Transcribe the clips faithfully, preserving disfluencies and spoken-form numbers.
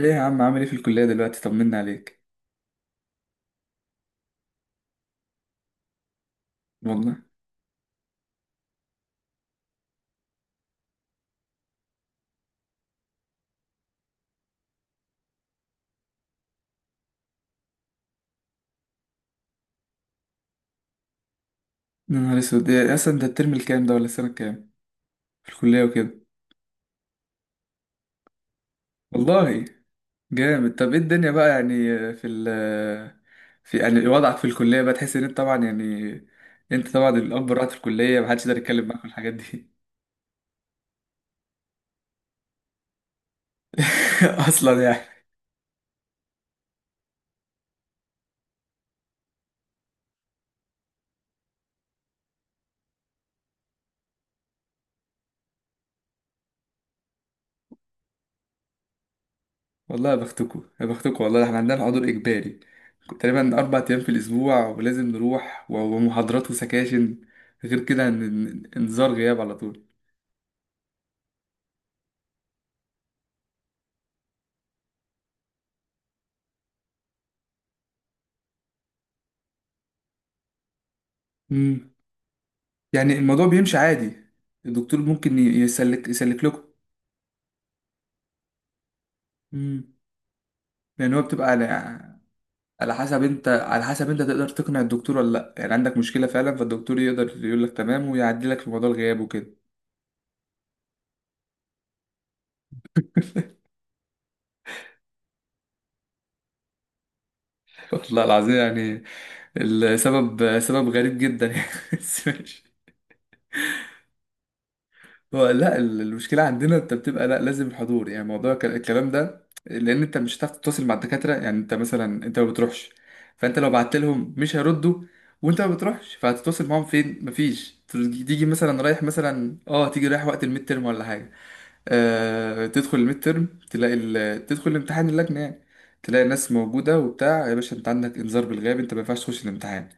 ايه يا عم، عامل ايه في الكلية دلوقتي؟ طمنا عليك. والله، يا نهار اسود، إيه اصلا ده الترم الكام ده ولا السنة الكام في الكلية وكده؟ والله، جامد. طب ايه الدنيا بقى يعني؟ في ال في يعني وضعك في الكلية بقى، تحس ان انت طبعا يعني، انت طبعا الاب الروحي في الكلية، محدش يقدر يتكلم معاك في الحاجات دي. اصلا يعني. والله يا بختكوا يا بختكوا، والله احنا عندنا حضور اجباري تقريبا اربع ايام في الاسبوع ولازم نروح و- ومحاضرات وسكاشن، غير كده ن- ن- انذار غياب على طول. يعني الموضوع بيمشي عادي، الدكتور ممكن ي- يسلك يسلك لكم؟ امم يعني هو بتبقى على، على حسب انت على حسب انت تقدر تقنع الدكتور ولا لا، يعني عندك مشكله فعلا فالدكتور يقدر يقول لك تمام ويعدي لك في موضوع الغياب وكده. والله العظيم يعني السبب سبب غريب جدا يعني، بس ماشي. هو لا ال- المشكلة عندنا انت بتبقى لا لازم الحضور، يعني موضوع ك- الكلام ده، لان انت مش هتعرف تتواصل مع الدكاترة، يعني انت مثلا، انت ما بتروحش فانت لو بعت لهم مش هيردوا، وانت ما بتروحش فهتتواصل معاهم فين؟ مفيش. تيجي مثلا رايح، مثلا اه تيجي رايح وقت الميد ترم ولا حاجة، آه، تدخل الميد ترم تلاقي ال... تدخل الامتحان اللجنة يعني، تلاقي ناس موجودة وبتاع، يا باشا انت عندك انذار بالغياب، انت ما ينفعش تخش الامتحان.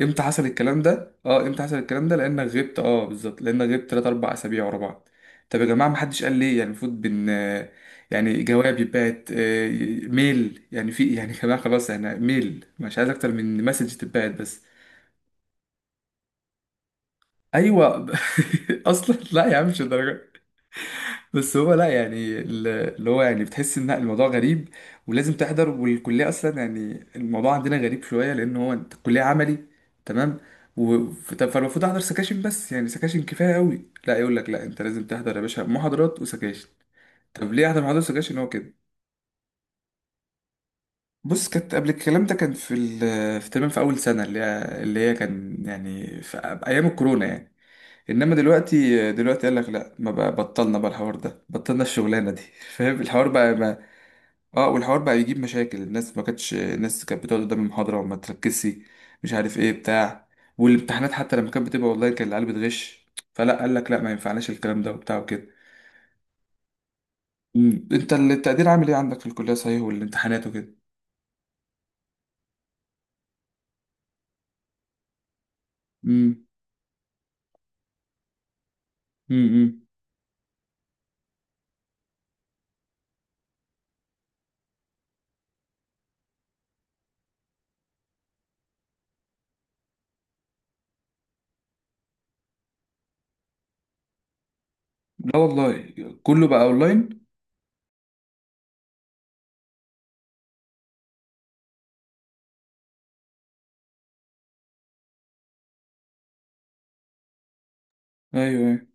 امتى حصل الكلام ده؟ اه امتى حصل الكلام ده؟ لانك غبت. اه بالظبط، لانك غبت تلاتة اربعة اسابيع ورا بعض. طب يا جماعة، ما حدش قال ليه؟ يعني المفروض بن آه، يعني جواب يتبعت، آه، ميل، يعني في يعني يا جماعة خلاص، احنا ميل، مش عايز اكتر من مسج تتبعت بس. ايوه. اصلا لا يا عم، مش الدرجة. بس هو لا يعني ال- اللي هو يعني بتحس ان الموضوع غريب، ولازم تحضر. والكليه اصلا يعني الموضوع عندنا غريب شويه، لان هو أنت الكليه عملي، تمام، و- فت- فالمفروض احضر سكاشن بس، يعني سكاشن كفايه قوي. لا يقول لك لا، انت لازم تحضر يا باشا محاضرات وسكاشن. طب ليه احضر محاضرات وسكاشن؟ هو كده. بص، كانت قبل الكلام ده كان في ال في تمام، في اول سنه اللي هي اللي هي كان يعني في أ- ايام الكورونا يعني، انما دلوقتي، دلوقتي قال لك لا، ما بقى، بطلنا بقى الحوار ده، بطلنا الشغلانه دي. فاهم الحوار بقى؟ اه، والحوار بقى يجيب مشاكل الناس، ما كانتش الناس كانت بتقعد قدام المحاضرة وما تركزش، مش عارف ايه بتاع، والامتحانات حتى لما كانت بتبقى اونلاين كان العيال بتغش، فلا قال لك لا، ما ينفعناش الكلام ده وبتاع وكده. امم انت التقدير عامل ايه عندك في الكلية صحيح، والامتحانات وكده؟ امم. امم. لا والله. كله بقى اونلاين. ايوه ايوه.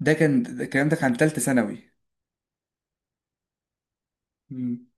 ده كان، ده الكلام ده كان تالتة ثانوي. امم.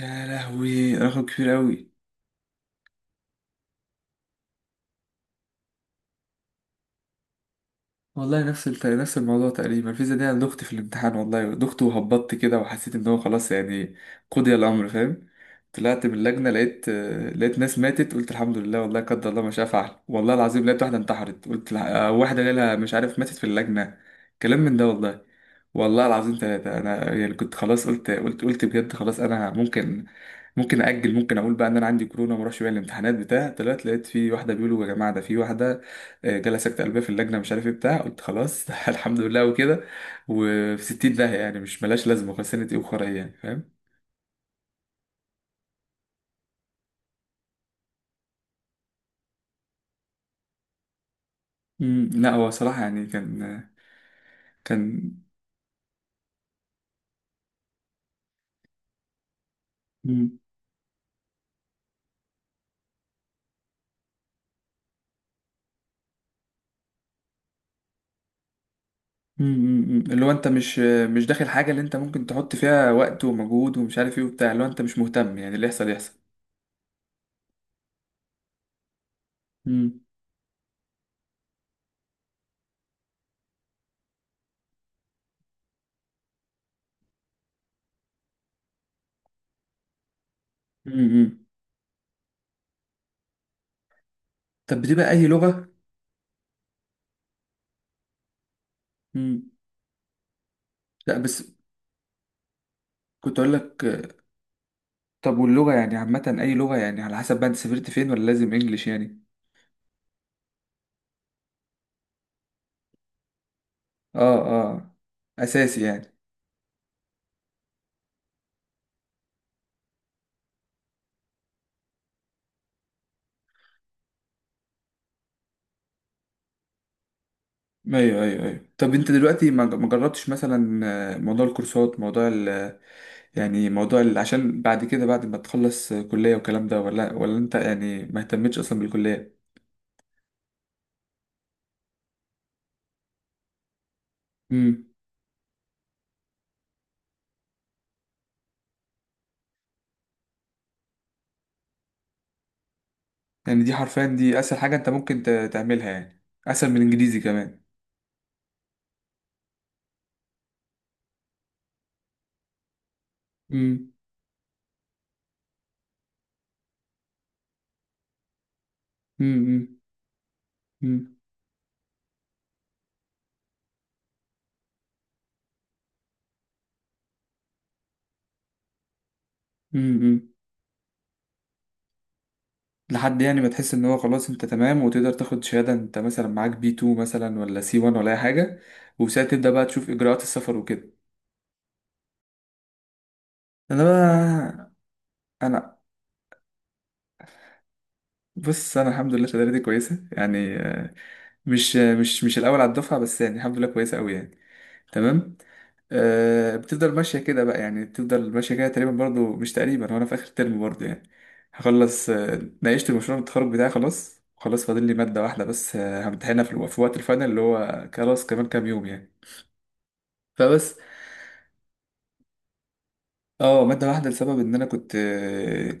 يا لهوي، رقم كبير قوي. والله نفس الت... نفس الموضوع تقريبا، الفيزا دي انا دخت في الامتحان، والله دخت وهبطت كده وحسيت ان هو خلاص يعني قضي الامر، فاهم؟ طلعت من اللجنه لقيت، آه، لقيت ناس ماتت، قلت الحمد لله والله، قدر الله ما شاء فعل، والله العظيم لقيت واحده انتحرت، قلت الح- آه، واحده جالها مش عارف ماتت في اللجنه، كلام من ده والله. والله العظيم ثلاثة، أنا يعني كنت خلاص، قلت قلت قلت بجد خلاص أنا ممكن، ممكن أجل، ممكن أقول بقى إن أنا عندي كورونا وما أروحش بيها الامتحانات بتاع. طلعت لقيت في واحدة بيقولوا يا جماعة ده في واحدة آه، جالها سكتة قلبية في اللجنة، مش عارف ايه بتاع، قلت خلاص الحمد لله وكده، وفي ستين داهية يعني، مش ملاش لازمة، خسنة ايه وخرا ايه يعني، فاهم؟ مم، لا هو صراحة يعني كان، كان، مم، مم، مم، مم. اللي هو انت مش مش داخل حاجة اللي انت ممكن تحط فيها وقت ومجهود ومش عارف ايه وبتاع، اللي هو انت مش مهتم، يعني اللي يحصل يحصل. مم، مم، مم. طب بتبقى اي لغة؟ مم. لا بس كنت اقول لك، طب واللغة يعني عامة اي لغة يعني؟ على حسب بقى انت سافرت فين، ولا لازم انجليش يعني؟ اه. اه، اساسي يعني. ايوه ايوه ايوه. طب انت دلوقتي ما ما جربتش مثلا آه، موضوع الكورسات، موضوع ال يعني موضوع ال عشان بعد كده، بعد ما تخلص آه، كلية والكلام ده، ولا ولا انت يعني ما اهتمتش اصلا بالكلية؟ امم. يعني دي حرفيا، دي اسهل حاجة انت ممكن ت- تعملها، يعني اسهل من الانجليزي كمان. امم. امم. امم. امم. لحد يعني ما تحس ان هو خلاص انت تمام، وتقدر تاخد شهادة، انت مثلا معاك بي اتنين مثلا، ولا سي واحد، ولا اي حاجة، وساعتها تبدأ بقى تشوف اجراءات السفر وكده. انا بقى، انا، بص انا الحمد لله شهادتي كويسه يعني، آه، مش آه، مش مش الاول على الدفعه، بس يعني الحمد لله كويسه قوي يعني، تمام. أه، بتفضل ماشيه كده بقى، يعني بتفضل ماشيه كده تقريبا، برضو مش تقريبا، وانا في اخر ترم برضو يعني، هخلص. آه، ناقشت المشروع التخرج بتاعي خلاص، خلاص فاضل لي ماده واحده بس، آه، همتحنها في الو- في وقت الفاينل، اللي هو خلاص كمان كام يوم يعني، فبس. اه مادة واحدة، لسبب ان انا كنت،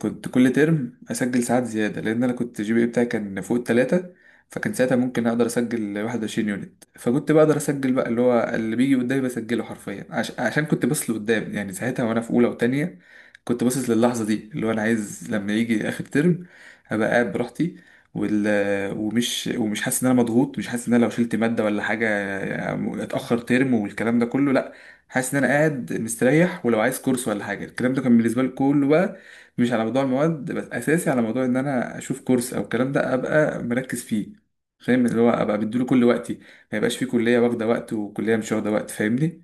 كنت كل ترم اسجل ساعات زيادة، لان انا كنت جي بي اي بتاعي كان فوق التلاتة، فكان ساعتها ممكن اقدر اسجل واحد وعشرين يونت، فكنت بقدر اسجل بقى اللي هو اللي بيجي قدامي بسجله حرفيا، عش... عشان كنت باصص لقدام يعني، ساعتها وانا في اولى وتانية كنت باصص للحظة دي، اللي هو انا عايز لما يجي اخر ترم ابقى قاعد براحتي، وال... ومش ومش حاسس ان انا مضغوط، مش حاسس ان انا لو شلت مادة ولا حاجة اتأخر ترم والكلام ده كله، لا، حاسس ان انا قاعد مستريح. ولو عايز كورس ولا حاجه، الكلام ده كان بالنسبه لي كله بقى مش على موضوع المواد بس، اساسي على موضوع ان انا اشوف كورس او الكلام ده ابقى مركز فيه، فاهم؟ اللي هو ابقى بديله كل وقتي، ما يبقاش فيه كليه واخده وقت وكليه مش واخده وقت، فاهمني؟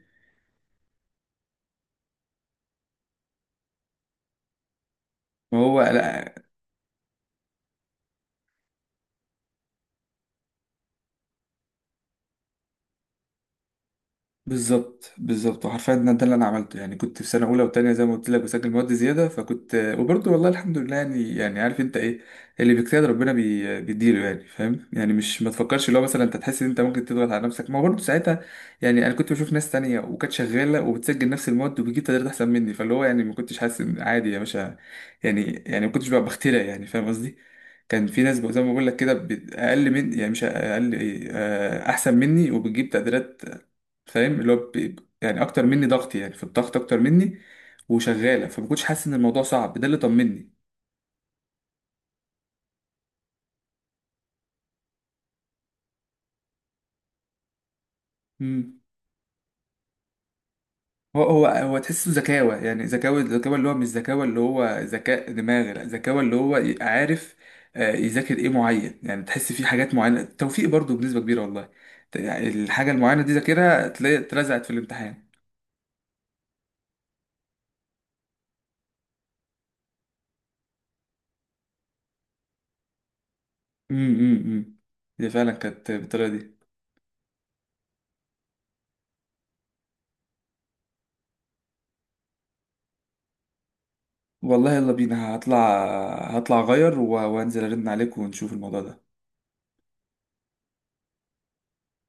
ما هو لا. بالظبط بالظبط، وحرفيا ده ده اللي انا عملته يعني، كنت في سنه اولى وتانية زي ما قلت لك بسجل مواد زياده، فكنت وبرضه والله الحمد لله يعني، يعني عارف انت ايه؟ اللي بيجتهد ربنا بي... بيديله يعني، فاهم؟ يعني مش، ما تفكرش اللي هو مثلا انت تحس ان انت ممكن تضغط على نفسك، ما هو برضه ساعتها يعني، انا كنت بشوف ناس تانية وكانت شغاله وبتسجل نفس المواد وبتجيب تقديرات احسن مني، فاللي هو يعني ما كنتش حاسس ان، عادي يا باشا يعني، يعني ما كنتش بقى بخترع يعني، فاهم قصدي؟ كان في ناس بقى زي ما بقول لك كده بت- اقل من، يعني مش اقل، ايه آه، احسن مني وبتجيب تقديرات، فاهم؟ اللي هو ب- يعني اكتر مني ضغط، يعني في الضغط اكتر مني، وشغاله، فما كنتش حاسس ان الموضوع صعب، ده اللي طمني. امم. هو هو هو تحسه ذكاوه، يعني ذكاوه، ذكاوه اللي هو مش ذكاوه اللي هو ذكاء دماغ، لا، ذكاوه اللي هو ي- عارف، آه، يذاكر ايه معين، يعني تحس فيه حاجات معينه، توفيق برضو بنسبه كبيره والله، ت- يعني الحاجه المعينه دي ذاكرها تلاقي اترزعت في الامتحان. امم. امم. دي فعلا كانت بالطريقه دي. والله يلا بينا، هطلع، هطلع اغير و- وانزل ارن عليك ونشوف الموضوع ده.